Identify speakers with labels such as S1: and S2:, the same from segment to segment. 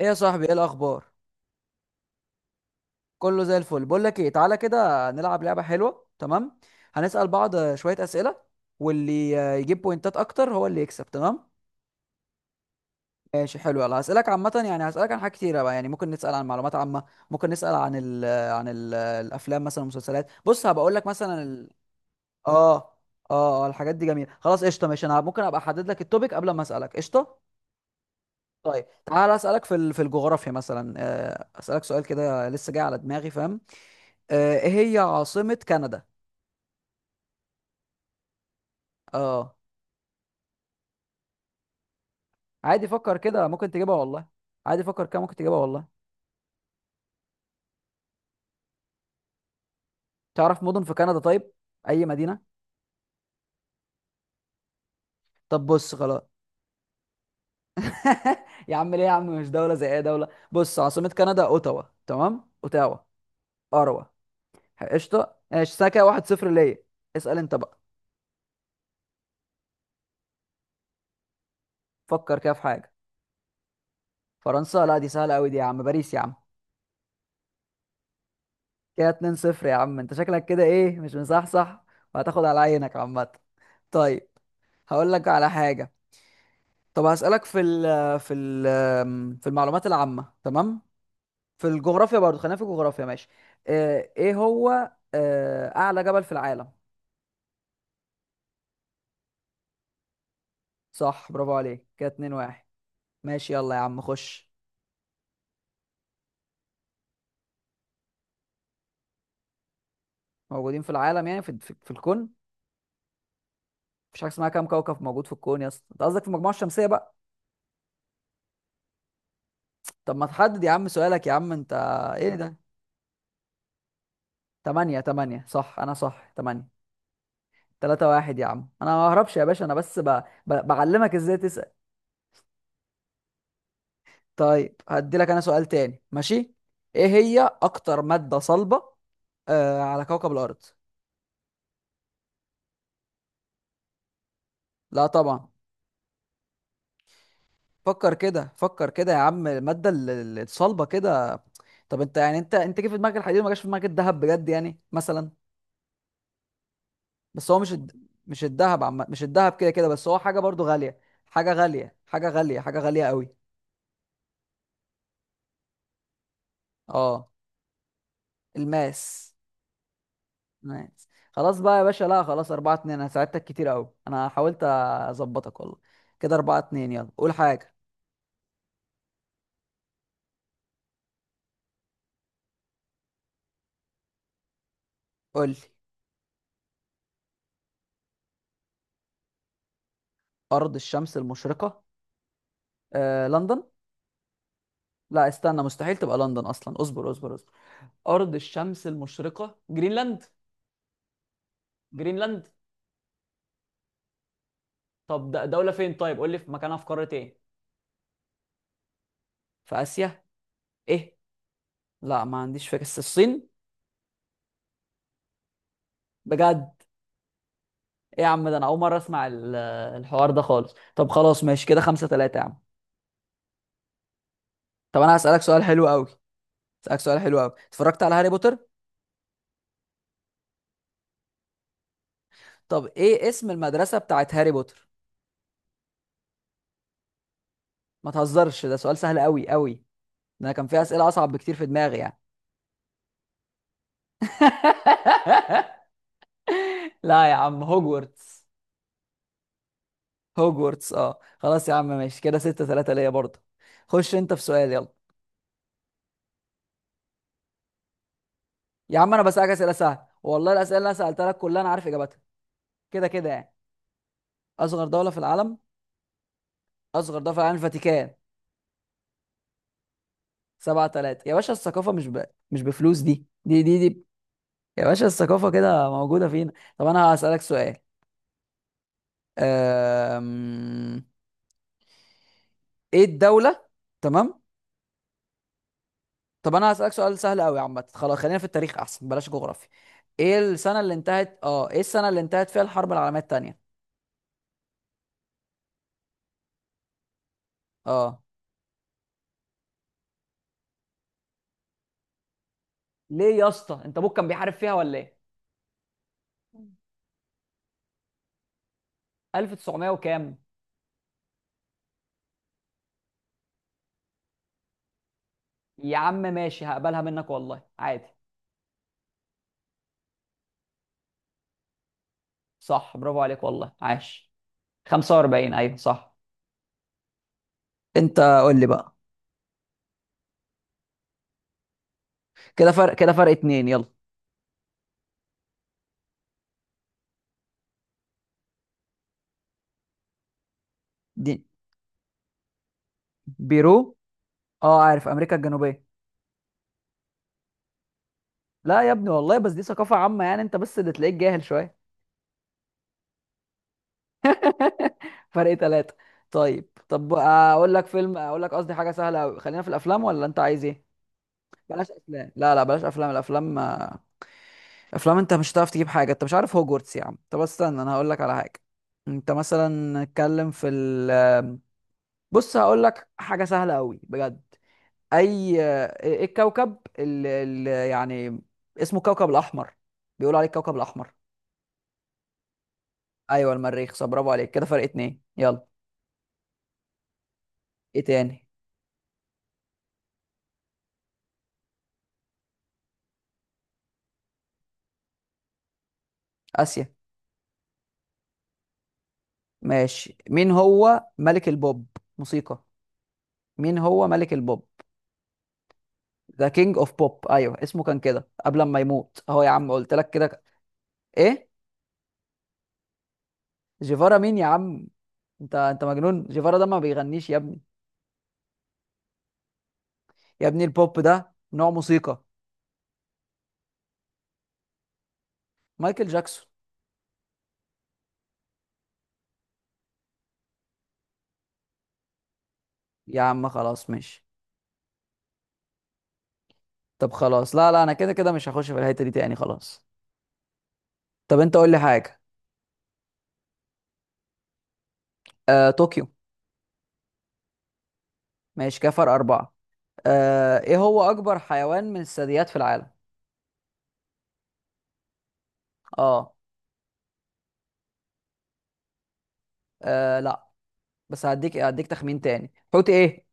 S1: ايه يا صاحبي، ايه الاخبار؟ كله زي الفل. بقول لك ايه، تعالى كده نلعب لعبه حلوه، تمام؟ هنسال بعض شويه اسئله، واللي يجيب بوينتات اكتر هو اللي يكسب، تمام؟ ماشي حلو، يلا هسالك. عامه يعني هسالك عن حاجات كتيره بقى، يعني ممكن نسال عن معلومات عامه، ممكن نسال عن ال... الافلام مثلا والمسلسلات. بص هبقول لك مثلا ال... اه اه الحاجات دي جميله، خلاص قشطه. ماشي، انا ممكن ابقى احدد لك التوبيك قبل ما اسالك، قشطه؟ طيب تعالى اسالك في في الجغرافيا مثلا، اسالك سؤال كده لسه جاي على دماغي، فاهم؟ ايه هي عاصمة كندا؟ اه. عادي، فكر كده، ممكن تجيبها والله. عادي، فكر كده، ممكن تجيبها والله. تعرف مدن في كندا؟ طيب، اي مدينة؟ طب بص خلاص. يا عم، ليه يا عم؟ مش دولة زي اي دولة؟ بص، عاصمة كندا اوتاوا، تمام؟ اوتاوا. اروى. قشطة ماشي، ساكا 1-0 ليا. اسأل انت بقى. فكر كده في حاجة. فرنسا؟ لا دي سهلة قوي دي يا عم، باريس يا عم. كده 2-0 يا عم، انت شكلك كده ايه، مش مصحصح. وهتاخد على عينك عامة. طيب، هقول لك على حاجة. طب هسألك في ال في المعلومات العامة، تمام؟ في الجغرافيا برضو، خلينا في الجغرافيا، ماشي. ايه هو اعلى جبل في العالم؟ صح، برافو عليك، كده 2-1. ماشي يلا يا عم، خش. موجودين في العالم يعني في الكون. مفيش حاجة اسمها كام كوكب موجود في الكون يا اسطى، انت قصدك في المجموعة الشمسية بقى. طب ما تحدد يا عم سؤالك يا عم انت. ايه ده؟ تمانية، تمانية صح، انا صح، تمانية. 3-1 يا عم، انا ما ههربش يا باشا، انا بس بعلمك ازاي. طيب هدي لك انا سؤال تاني، ماشي؟ ايه هي اكتر مادة صلبة على كوكب الارض؟ لا طبعا. فكر كده، فكر كده يا عم، المادة الصلبة كده. طب انت يعني، انت جه في دماغك الحديد وما جاش في دماغك الذهب، بجد يعني مثلا؟ بس هو مش الذهب، عم... مش الذهب كده كده، بس هو حاجة برضو غالية. حاجة غالية، حاجة غالية، حاجة غالية قوي. اه، الماس. نايس، خلاص بقى يا باشا. لا خلاص، 4-2، أنا ساعدتك كتير أوي، أنا حاولت أظبطك والله. كده 4-2، يلا قول حاجة. قول لي. أرض الشمس المشرقة، لندن. لا استنى، مستحيل تبقى لندن أصلا، اصبر اصبر اصبر. أرض الشمس المشرقة، جرينلاند. جرينلاند. طب دولة فين طيب، قول لي في مكانها في قارة إيه. في آسيا؟ إيه؟ لا ما عنديش فكرة، بس الصين. بجد؟ إيه يا عم، ده أنا أول مرة أسمع الحوار ده خالص. طب خلاص ماشي، كده 5-3 يا عم. طب أنا هسألك سؤال حلو أوي، اسالك سؤال حلو قوي. اتفرجت على هاري بوتر؟ طب ايه اسم المدرسه بتاعت هاري بوتر؟ ما تهزرش، ده سؤال سهل قوي قوي، ده انا كان في اسئله اصعب بكتير في دماغي يعني. لا يا عم، هوجورتس. هوجورتس، اه خلاص يا عم ماشي، كده 6-3 ليا برضه. خش انت في سؤال، يلا. يا عم انا بسألك اسئله سهله والله، الاسئله اللي انا سالتها لك كلها انا عارف اجابتها، كده كده يعني. اصغر دوله في العالم، اصغر دوله في العالم الفاتيكان. 7-3 يا باشا، الثقافه مش مش بفلوس، دي دي دي دي يا باشا، الثقافة كده موجودة فينا. طب أنا هسألك سؤال، أم... إيه الدولة، تمام؟ طب أنا هسألك سؤال سهل أوي عامة، خلاص خلينا في التاريخ أحسن، بلاش جغرافيا. إيه السنة اللي انتهت إيه السنة اللي انتهت فيها الحرب العالمية التانية؟ أه. ليه يا اسطى، أنت أبوك كان بيحارب فيها ولا إيه؟ 1900 وكام؟ يا عم ماشي، هقبلها منك والله عادي. صح، برافو عليك والله، عاش. 45، أيوه صح. أنت قول لي بقى. كده فرق اتنين، يلا. دي بيرو، اه عارف، امريكا الجنوبيه. لا يا ابني والله، بس دي ثقافه عامه يعني، انت بس اللي تلاقيك جاهل شويه. فرق ثلاثة. طيب، طب اقول لك فيلم، اقول لك قصدي حاجه سهله أوي. خلينا في الافلام ولا انت عايز ايه؟ بلاش افلام، لا لا بلاش افلام، الافلام افلام، انت مش هتعرف تجيب حاجه، انت مش عارف هوجورتس يا عم. طب استنى، انا هقول لك على حاجه. انت مثلا اتكلم في ال... بص هقول لك حاجه سهله قوي بجد. اي آه، ايه الكوكب اللي يعني اسمه الكوكب الاحمر، بيقولوا عليه الكوكب الاحمر؟ ايوه المريخ، صح برافو عليك، كده فرق اتنين، يلا. ايه تاني؟ اسيا. ماشي، مين هو ملك البوب؟ موسيقى، مين هو ملك البوب؟ ذا كينج اوف بوب، ايوه اسمه كان كده قبل ما يموت اهو، يا عم قلت لك كده. ايه؟ جيفارا مين يا عم؟ انت مجنون، جيفارا ده ما بيغنيش يا ابني. يا ابني، البوب ده نوع موسيقى. مايكل جاكسون. يا عم خلاص ماشي. طب خلاص، لا لا انا كده كده مش هخش في الحته دي تاني، خلاص. طب انت قول لي حاجه. طوكيو. ماشي، كفر أربعة. ايه هو اكبر حيوان من الثدييات في العالم؟ اه. لا. بس هديك تخمين تاني، حوت ايه؟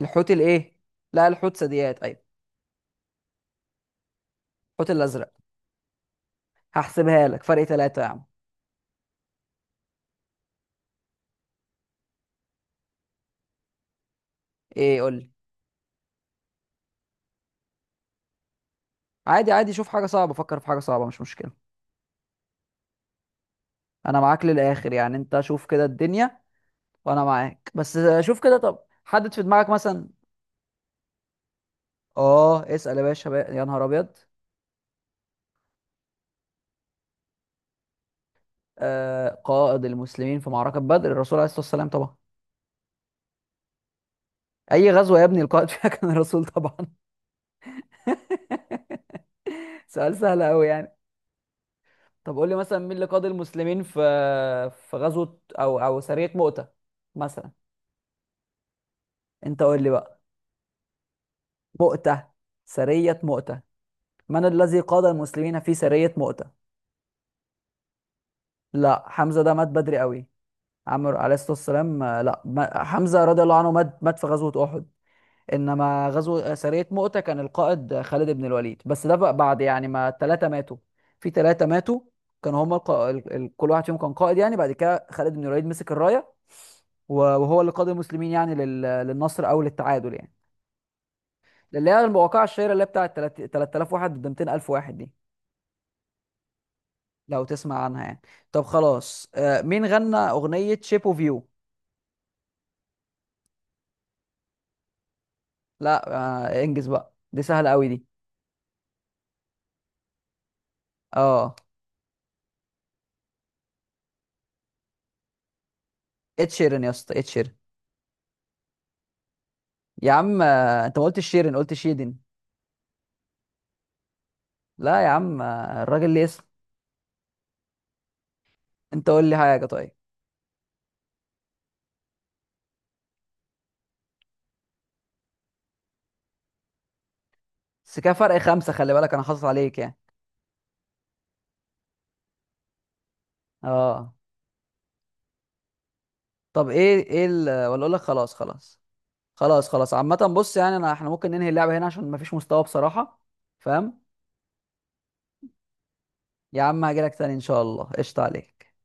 S1: الحوت الايه؟ لا الحوت ثدييات، ايوه. الحوت الازرق. هحسبها لك، فرق ثلاثة يا عم. ايه قول لي. عادي عادي، شوف حاجة صعبة، فكر في حاجة صعبة مش مشكلة. انا معاك للاخر يعني، انت شوف كده الدنيا، وانا معاك، بس شوف كده، طب. حدد في دماغك مثلا. اه اسأل يا باشا بقى. يا نهار ابيض. قائد المسلمين في معركة بدر الرسول عليه الصلاة والسلام طبعا، اي غزوة يا ابني القائد فيها كان الرسول طبعا. سؤال سهل قوي يعني. طب قول لي مثلا، مين اللي قاد المسلمين في، في غزوة او سرية مؤتة مثلا. انت قول لي بقى. مؤتة، سرية مؤتة. من الذي قاد المسلمين في سرية مؤتة؟ لا، حمزة ده مات بدري قوي. عمرو عليه الصلاة والسلام. لا حمزة رضي الله عنه مات في غزوة أحد، انما غزو سريه مؤتة كان القائد خالد بن الوليد، بس ده بقى بعد يعني ما الثلاثه ماتوا. في ثلاثه ماتوا كانوا هم كل واحد فيهم كان قائد يعني، بعد كده خالد بن الوليد مسك الرايه وهو اللي قاد المسلمين يعني للنصر او للتعادل يعني، اللي هي الواقعه الشهيره اللي هي بتاعت 3000 واحد ضد 200000 واحد دي، لو تسمع عنها يعني. طب خلاص، آه مين غنى اغنيه شيب اوف يو؟ لا. انجز بقى، دي سهله قوي دي. اه اتشيرن يا اسطى، اتشيرن. يا عم انت ما قلتش شيرين، قلت شيدن. لا يا عم، الراجل ليه اسم. انت قول لي حاجه طيب. بس كده فرق خمسه، خلي بالك انا حاصل عليك يعني. اه. طب ايه ايه ال... ولا اقول لك، خلاص خلاص. خلاص خلاص عامه، بص يعني انا، احنا ممكن ننهي اللعبه هنا عشان مفيش مستوى بصراحه، فاهم؟ يا عم هاجي لك تاني ان شاء الله، قشطه عليك.